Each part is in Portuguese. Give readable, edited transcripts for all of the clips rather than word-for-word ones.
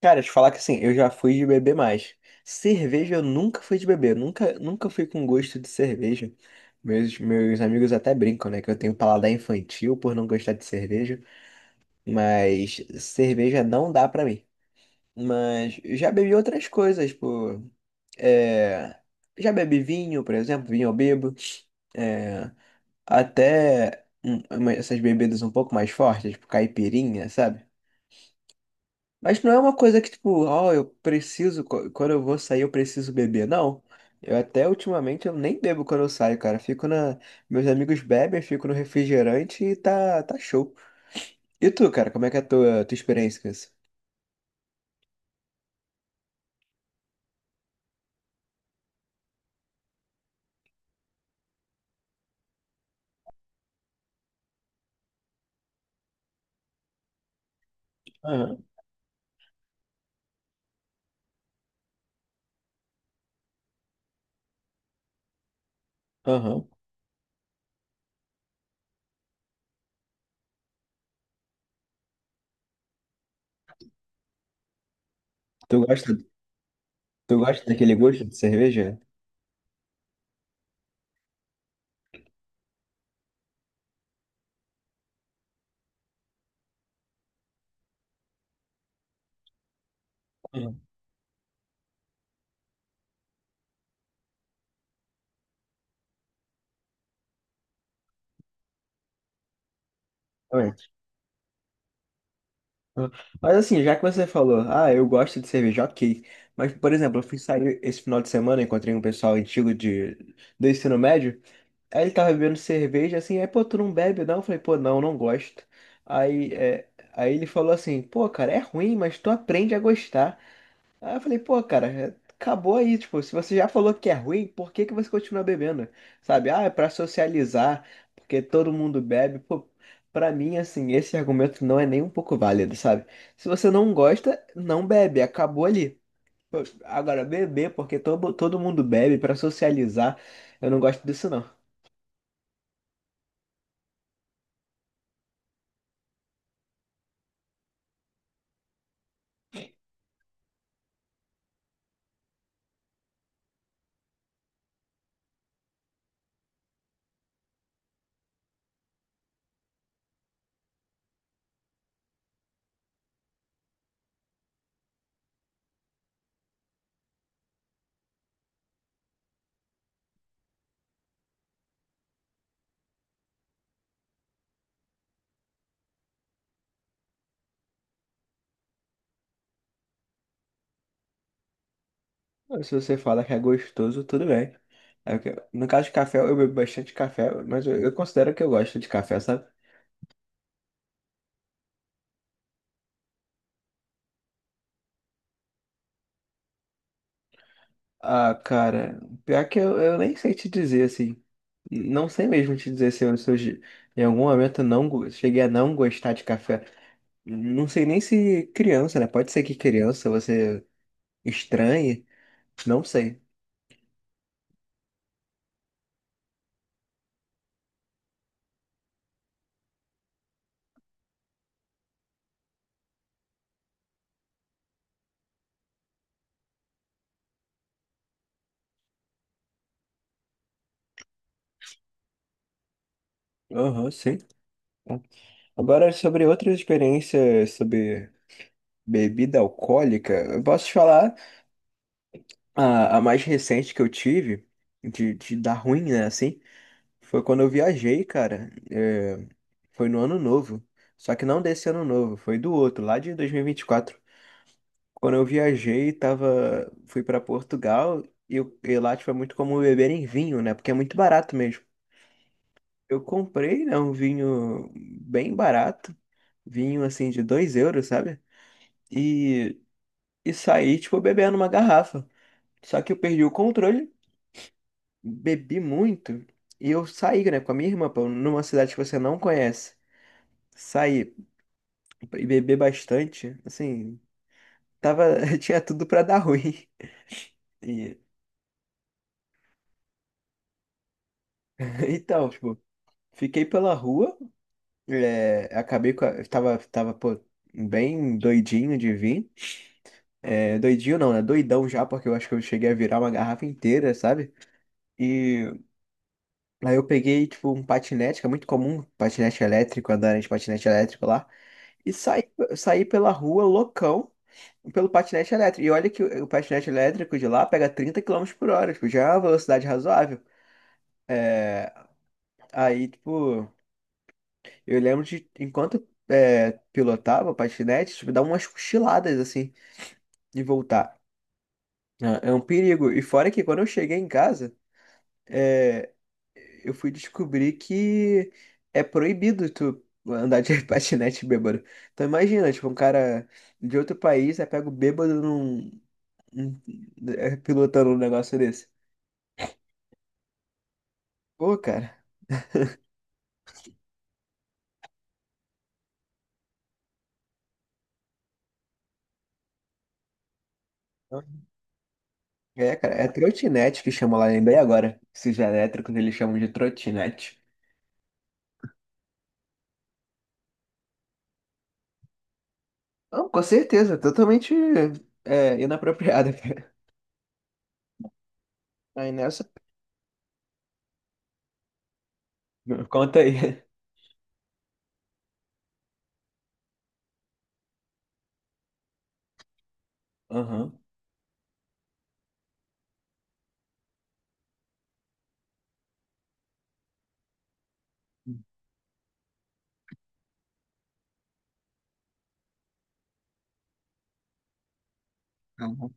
Cara, te falar que assim, eu já fui de beber mais. Cerveja eu nunca fui de beber, nunca fui com gosto de cerveja. Meus amigos até brincam, né, que eu tenho paladar infantil por não gostar de cerveja, mas cerveja não dá pra mim. Mas já bebi outras coisas, pô. É, já bebi vinho, por exemplo, vinho eu bebo. É, até essas bebidas um pouco mais fortes, tipo caipirinha, sabe? Mas não é uma coisa que, tipo, ó, eu preciso, quando eu vou sair, eu preciso beber. Não. Eu até ultimamente eu nem bebo quando eu saio, cara. Fico na. Meus amigos bebem, eu fico no refrigerante e tá show. E tu, cara, como é que é a tua experiência com isso? Aham, aham. Tu gosta, tu gosta daquele gosto de cerveja? Aham. Exatamente. Aham. Mas assim, já que você falou, ah, eu gosto de cerveja, ok. Mas, por exemplo, eu fui sair esse final de semana, encontrei um pessoal antigo do ensino médio. Aí ele tava bebendo cerveja, assim, aí, pô, tu não bebe não? Eu falei, pô, não, não gosto. Aí, é, aí ele falou assim, pô, cara, é ruim, mas tu aprende a gostar. Aí eu falei, pô, cara, acabou aí, tipo, se você já falou que é ruim, por que que você continua bebendo? Sabe, ah, é pra socializar, porque todo mundo bebe. Pô, pra mim, assim, esse argumento não é nem um pouco válido, sabe? Se você não gosta, não bebe, acabou ali. Pô, agora, beber, porque todo mundo bebe pra socializar, eu não gosto disso não. Se você fala que é gostoso, tudo bem. No caso de café, eu bebo bastante café, mas eu considero que eu gosto de café, sabe? Ah, cara, pior que eu nem sei te dizer assim. Não sei mesmo te dizer se em algum momento eu cheguei a não gostar de café. Não sei nem se criança, né? Pode ser que criança você estranhe, não sei. Aham, sim. Agora, sobre outras experiências sobre bebida alcoólica, eu posso te falar. A mais recente que eu tive, de dar ruim, né, assim, foi quando eu viajei, cara. É, foi no ano novo. Só que não desse ano novo, foi do outro, lá de dois mil e vinte e quatro. Quando eu viajei, tava, fui pra Portugal e lá, tipo, é muito comum beberem vinho, né? Porque é muito barato mesmo. Eu comprei, né, um vinho bem barato, vinho, assim, de 2 euros, sabe? E, e saí, tipo, bebendo uma garrafa. Só que eu perdi o controle, bebi muito e eu saí, né, com a minha irmã, pô, numa cidade que você não conhece. Saí e bebi bastante, assim, tava, tinha tudo pra dar ruim. E, então, tipo, fiquei pela rua, é, acabei com a, tava, pô, bem doidinho de vir. É, doidinho não, né? Doidão já, porque eu acho que eu cheguei a virar uma garrafa inteira, sabe? E aí eu peguei, tipo, um patinete, que é muito comum, patinete elétrico, andar de patinete elétrico lá. E saí, saí pela rua loucão pelo patinete elétrico. E olha que o patinete elétrico de lá pega 30 km/h, tipo, já é uma velocidade razoável. É, aí, tipo, eu lembro de enquanto é, pilotava o patinete, tipo, dar umas cochiladas assim e voltar. É é um perigo. E fora que quando eu cheguei em casa, é, eu fui descobrir que é proibido tu andar de patinete bêbado. Então imagina, tipo, um cara de outro país, aí pega o bêbado num, hum, é, pilotando um negócio desse. Pô, cara. É, cara, é trotinete que chama lá, lembrei agora. Esses elétricos eles chamam de trotinete. Não, com certeza, totalmente é, inapropriada. cara. Aí nessa. Conta aí. Aham, Uhum.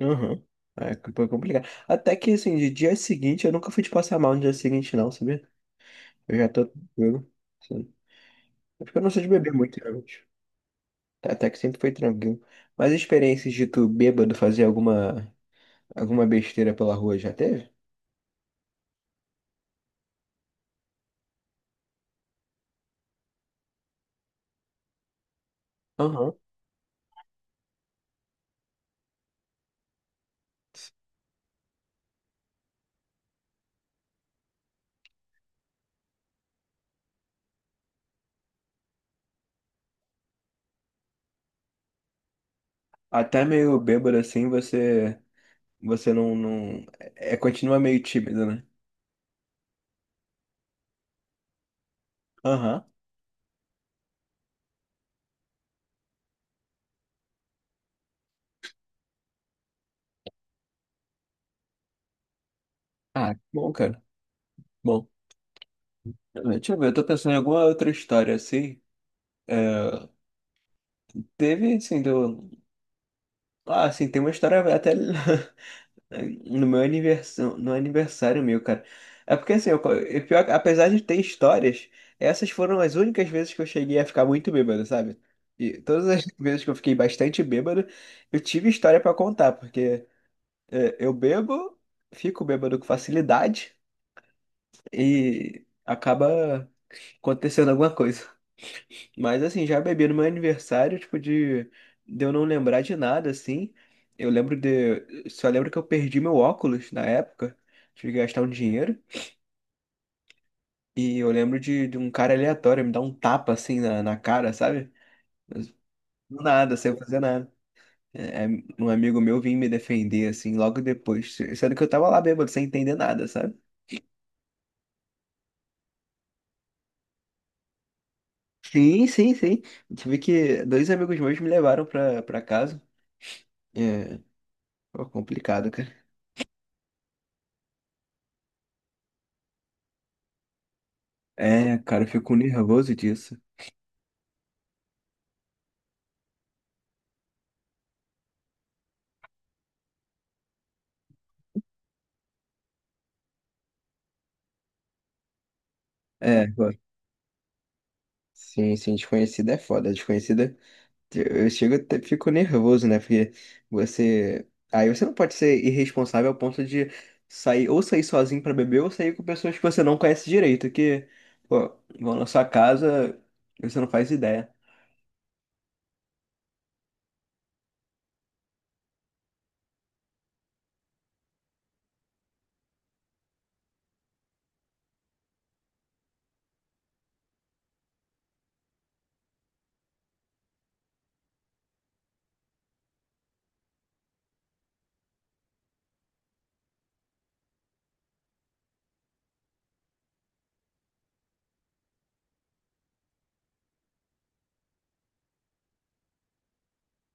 aham. É, foi complicado. Até que, assim, de dia seguinte, eu nunca fui de passar mal no dia seguinte, não, sabia? Eu já tô tranquilo. Sim. É porque eu não sou de beber muito, realmente. Até que sempre foi tranquilo. Mas experiências de tu bêbado fazer alguma. Alguma besteira pela rua já teve? Aham. Até meio bêbado assim, você você não, continua meio tímido, né? Aham. Ah, bom, cara. Bom. Deixa eu ver, eu tô pensando em alguma outra história assim. É, teve, assim, do... Ah, assim, tem uma história até no meu aniversário, no aniversário meu, cara. É porque assim, eu, co- e pior é apesar de ter histórias, essas foram as únicas vezes que eu cheguei a ficar muito bêbado, sabe? E todas as vezes que eu fiquei bastante bêbado, eu tive história pra contar, porque é, eu bebo, fico bêbado com facilidade e acaba acontecendo alguma coisa. Mas assim, já bebi no meu aniversário, tipo, de eu não lembrar de nada, assim. Eu lembro de. Só lembro que eu perdi meu óculos na época. Tive que gastar um dinheiro. E eu lembro de um cara aleatório me dar um tapa assim na, na cara, sabe? Mas do nada, sem eu fazer nada. É, é, um amigo meu vinha me defender, assim, logo depois. Sendo que eu tava lá bêbado, sem entender nada, sabe? Sim. Tive que. 2 amigos meus me levaram pra casa. É, pô, complicado, cara. É, cara, eu fico nervoso disso. É, agora. Sim, desconhecida é foda. Desconhecida, eu chego, até fico nervoso, né? Porque você. Aí você não pode ser irresponsável ao ponto de sair, ou sair sozinho pra beber, ou sair com pessoas que você não conhece direito, que, pô, vão na sua casa, e você não faz ideia.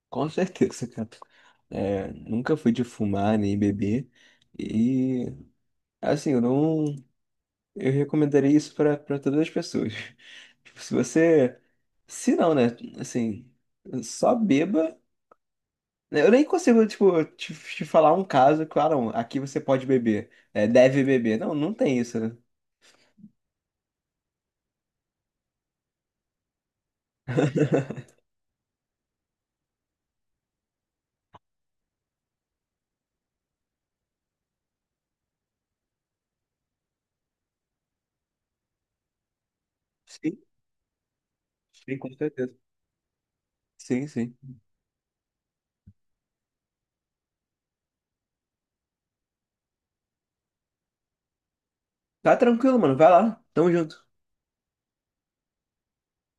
Com certeza, cara. É, nunca fui de fumar nem beber. E, assim, eu não. Eu recomendaria isso para todas as pessoas. Tipo, se você. Se não, né? Assim, só beba. Né, eu nem consigo, tipo, te falar um caso, claro, aqui você pode beber, é, deve beber. Não, não tem isso, né? Sim, sim, com certeza. Sim, sim. Tá tranquilo, mano. Vai lá. Tamo junto.